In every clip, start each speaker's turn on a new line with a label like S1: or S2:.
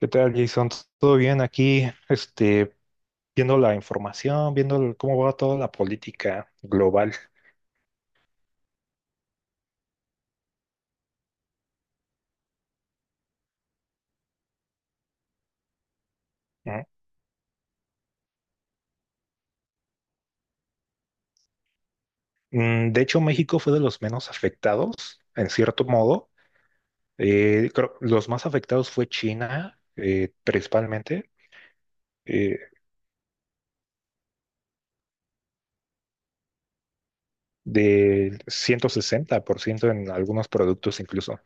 S1: ¿Qué tal, Jason? ¿Todo bien aquí? Este, viendo la información, viendo cómo va toda la política global, ¿no? De hecho, México fue de los menos afectados, en cierto modo. Los más afectados fue China, principalmente, eh, del 160% en algunos productos incluso.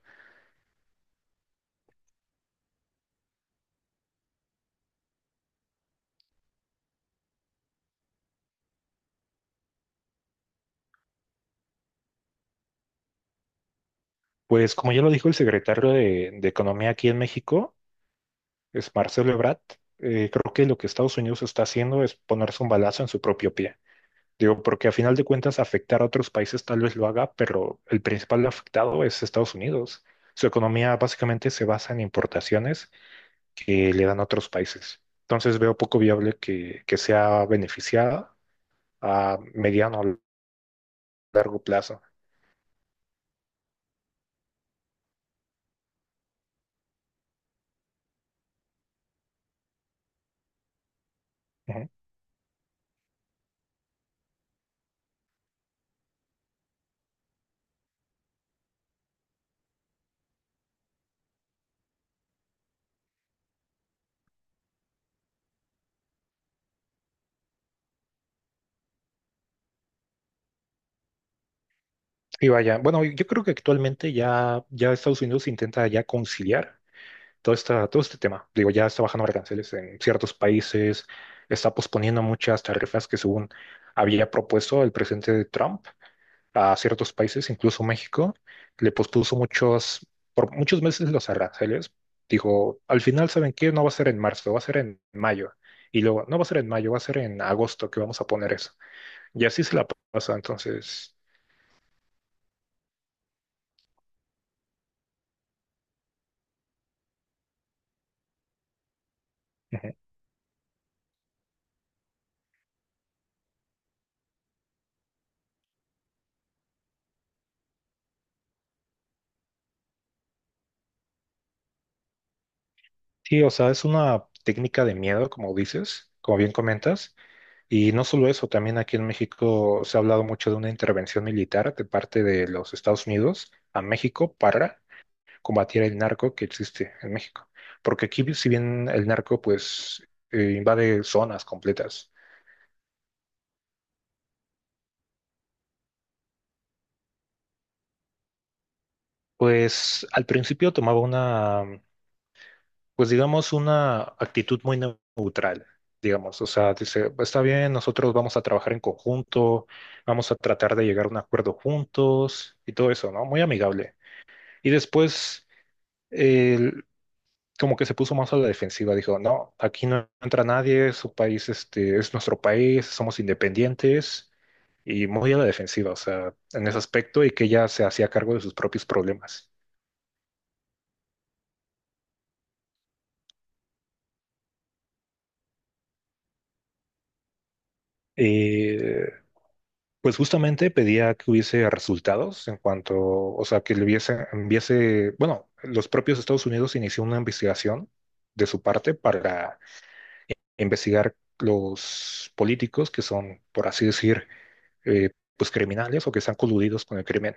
S1: Pues como ya lo dijo el secretario de Economía aquí en México, es Marcelo Ebrard. Creo que lo que Estados Unidos está haciendo es ponerse un balazo en su propio pie. Digo, porque a final de cuentas afectar a otros países tal vez lo haga, pero el principal afectado es Estados Unidos. Su economía básicamente se basa en importaciones que le dan a otros países. Entonces veo poco viable que sea beneficiada a mediano o largo plazo. Ujú. Y vaya, bueno, yo creo que actualmente ya Estados Unidos intenta ya conciliar todo este tema. Digo, ya está bajando aranceles en ciertos países, está posponiendo muchas tarifas que según había propuesto el presidente Trump a ciertos países, incluso México, le pospuso muchos, por muchos meses los aranceles. Dijo, al final, ¿saben qué? No va a ser en marzo, va a ser en mayo. Y luego, no va a ser en mayo, va a ser en agosto que vamos a poner eso. Y así se la pasa, entonces. Ujú. Sí, o sea, es una técnica de miedo, como dices, como bien comentas. Y no solo eso, también aquí en México se ha hablado mucho de una intervención militar de parte de los Estados Unidos a México para combatir el narco que existe en México. Porque aquí, si bien el narco pues invade zonas completas, pues al principio tomaba una, pues digamos, una actitud muy neutral, digamos. O sea, dice, está bien, nosotros vamos a trabajar en conjunto, vamos a tratar de llegar a un acuerdo juntos y todo eso, ¿no? Muy amigable. Y después, como que se puso más a la defensiva, dijo, no, aquí no entra nadie, su país este, es nuestro país, somos independientes y muy a la defensiva, o sea, en ese aspecto y que ella se hacía cargo de sus propios problemas. Eh, pues justamente pedía que hubiese resultados en cuanto, o sea, que le hubiese, enviase, bueno, los propios Estados Unidos inició una investigación de su parte para investigar los políticos que son, por así decir, eh, pues criminales o que están coludidos con el crimen.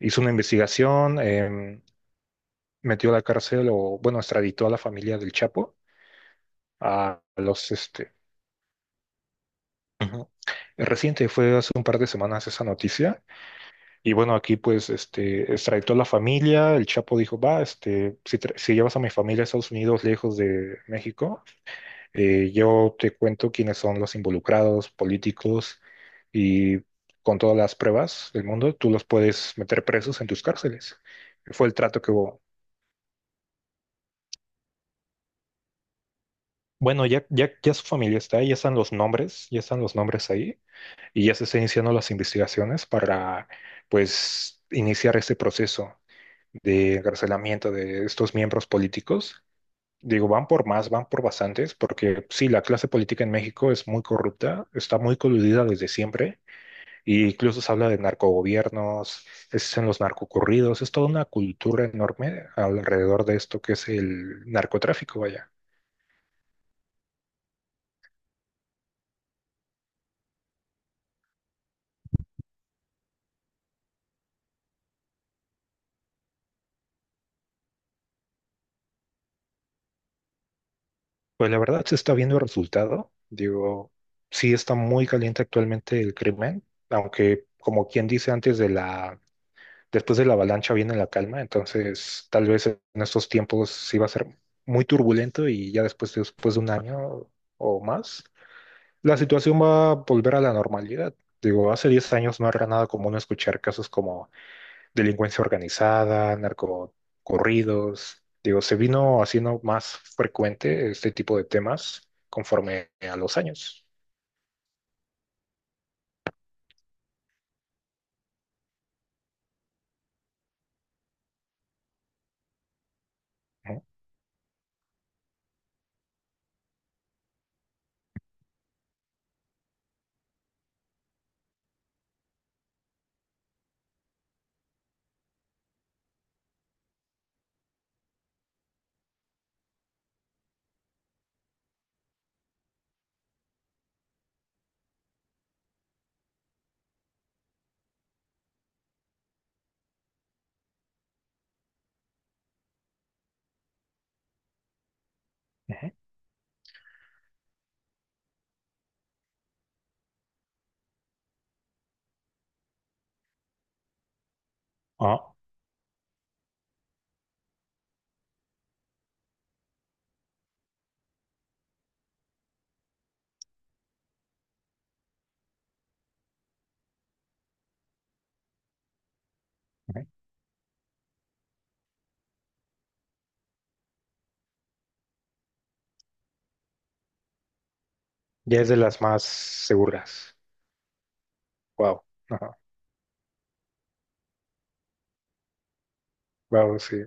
S1: Hizo una investigación. Metió a la cárcel o, bueno, extraditó a la familia del Chapo, a los, este, ujú. Reciente fue hace un par de semanas esa noticia. Y bueno, aquí pues este extraditó a la familia. El Chapo dijo, va, este, si, si llevas a mi familia a Estados Unidos lejos de México. Yo te cuento quiénes son los involucrados, políticos, y con todas las pruebas del mundo, tú los puedes meter presos en tus cárceles. Fue el trato que hubo. Bueno, ya su familia está ahí, ya están los nombres ahí, y ya se están iniciando las investigaciones para, pues, iniciar este proceso de encarcelamiento de estos miembros políticos. Digo, van por más, van por bastantes, porque sí, la clase política en México es muy corrupta, está muy coludida desde siempre. Y incluso se habla de narcogobiernos, es en los narcocurridos, es toda una cultura enorme alrededor de esto que es el narcotráfico, vaya. Pues la verdad se está viendo el resultado. Digo, sí está muy caliente actualmente el crimen, aunque como quien dice antes de la, después de la avalancha viene la calma. Entonces tal vez en estos tiempos sí va a ser muy turbulento y ya después, después de un año o más, la situación va a volver a la normalidad. Digo, hace 10 años no era nada común escuchar casos como delincuencia organizada, narcocorridos. Digo, se vino haciendo más frecuente este tipo de temas conforme a los años. Ujú, ujú. Ah, ujú. Ya es de las más seguras. Wow. Ajá. Wow, sí.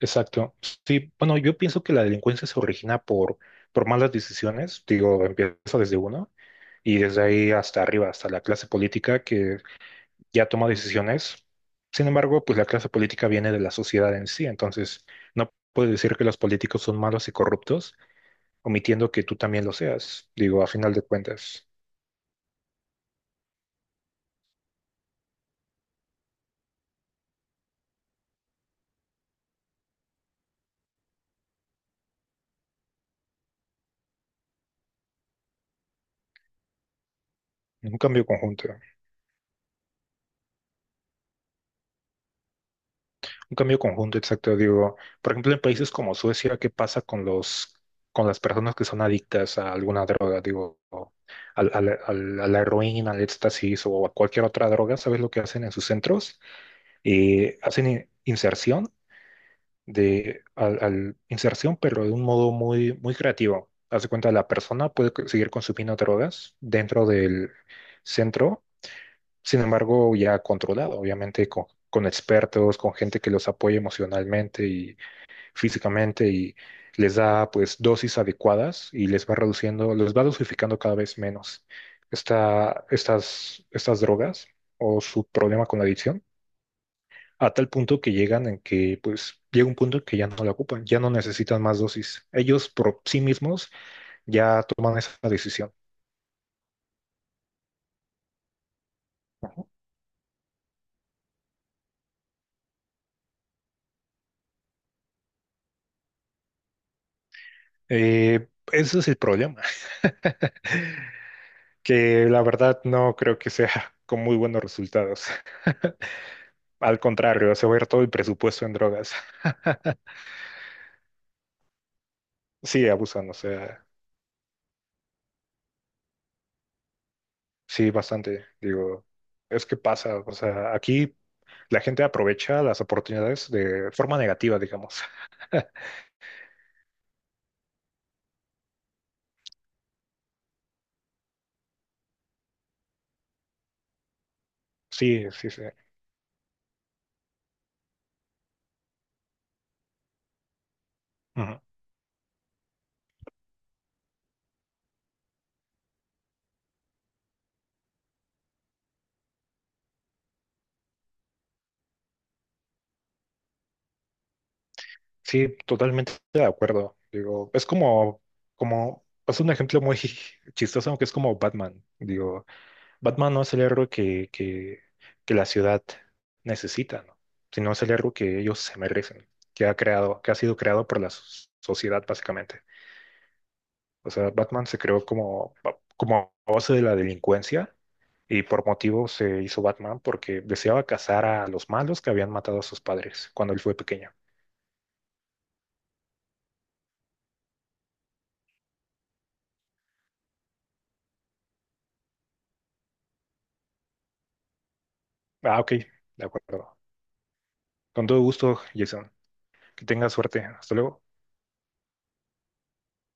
S1: Exacto. Sí, bueno, yo pienso que la delincuencia se origina por malas decisiones. Digo, empieza desde uno y desde ahí hasta arriba, hasta la clase política que ya toma decisiones. Sin embargo, pues la clase política viene de la sociedad en sí, entonces no puedes decir que los políticos son malos y corruptos, omitiendo que tú también lo seas, digo, a final de cuentas. Un cambio conjunto, un cambio conjunto exacto, digo, por ejemplo, en países como Suecia, ¿qué pasa con las personas que son adictas a alguna droga? Digo, a la heroína, al éxtasis o a cualquier otra droga, ¿sabes lo que hacen en sus centros? Hacen inserción de al inserción, pero de un modo muy, muy creativo. Hace cuenta, la persona puede seguir consumiendo drogas dentro del centro. Sin embargo, ya controlado, obviamente, con expertos, con gente que los apoya emocionalmente y físicamente y les da pues dosis adecuadas y les va reduciendo, les va dosificando cada vez menos estas drogas o su problema con la adicción a tal punto que pues, llega un punto en que ya no la ocupan, ya no necesitan más dosis. Ellos por sí mismos ya toman esa decisión. Ese es el problema, que la verdad no creo que sea con muy buenos resultados. Al contrario, se va a ir todo el presupuesto en drogas. Sí, abusan, o sea, sí, bastante. Digo, es que pasa, o sea, aquí la gente aprovecha las oportunidades de forma negativa, digamos. Sí, sí, sí. Ujú. Sí, totalmente de acuerdo. Digo, es un ejemplo muy chistoso, aunque es como Batman. Digo, Batman no es el héroe que la ciudad necesita, ¿no? Sino es el héroe que ellos se merecen, que ha creado, que ha sido creado por la sociedad, básicamente. O sea, Batman se creó como a base de la delincuencia y por motivo se hizo Batman porque deseaba cazar a los malos que habían matado a sus padres cuando él fue pequeño. Ah, ok, de acuerdo. Con todo gusto, Jason. Que tengas suerte. Hasta luego.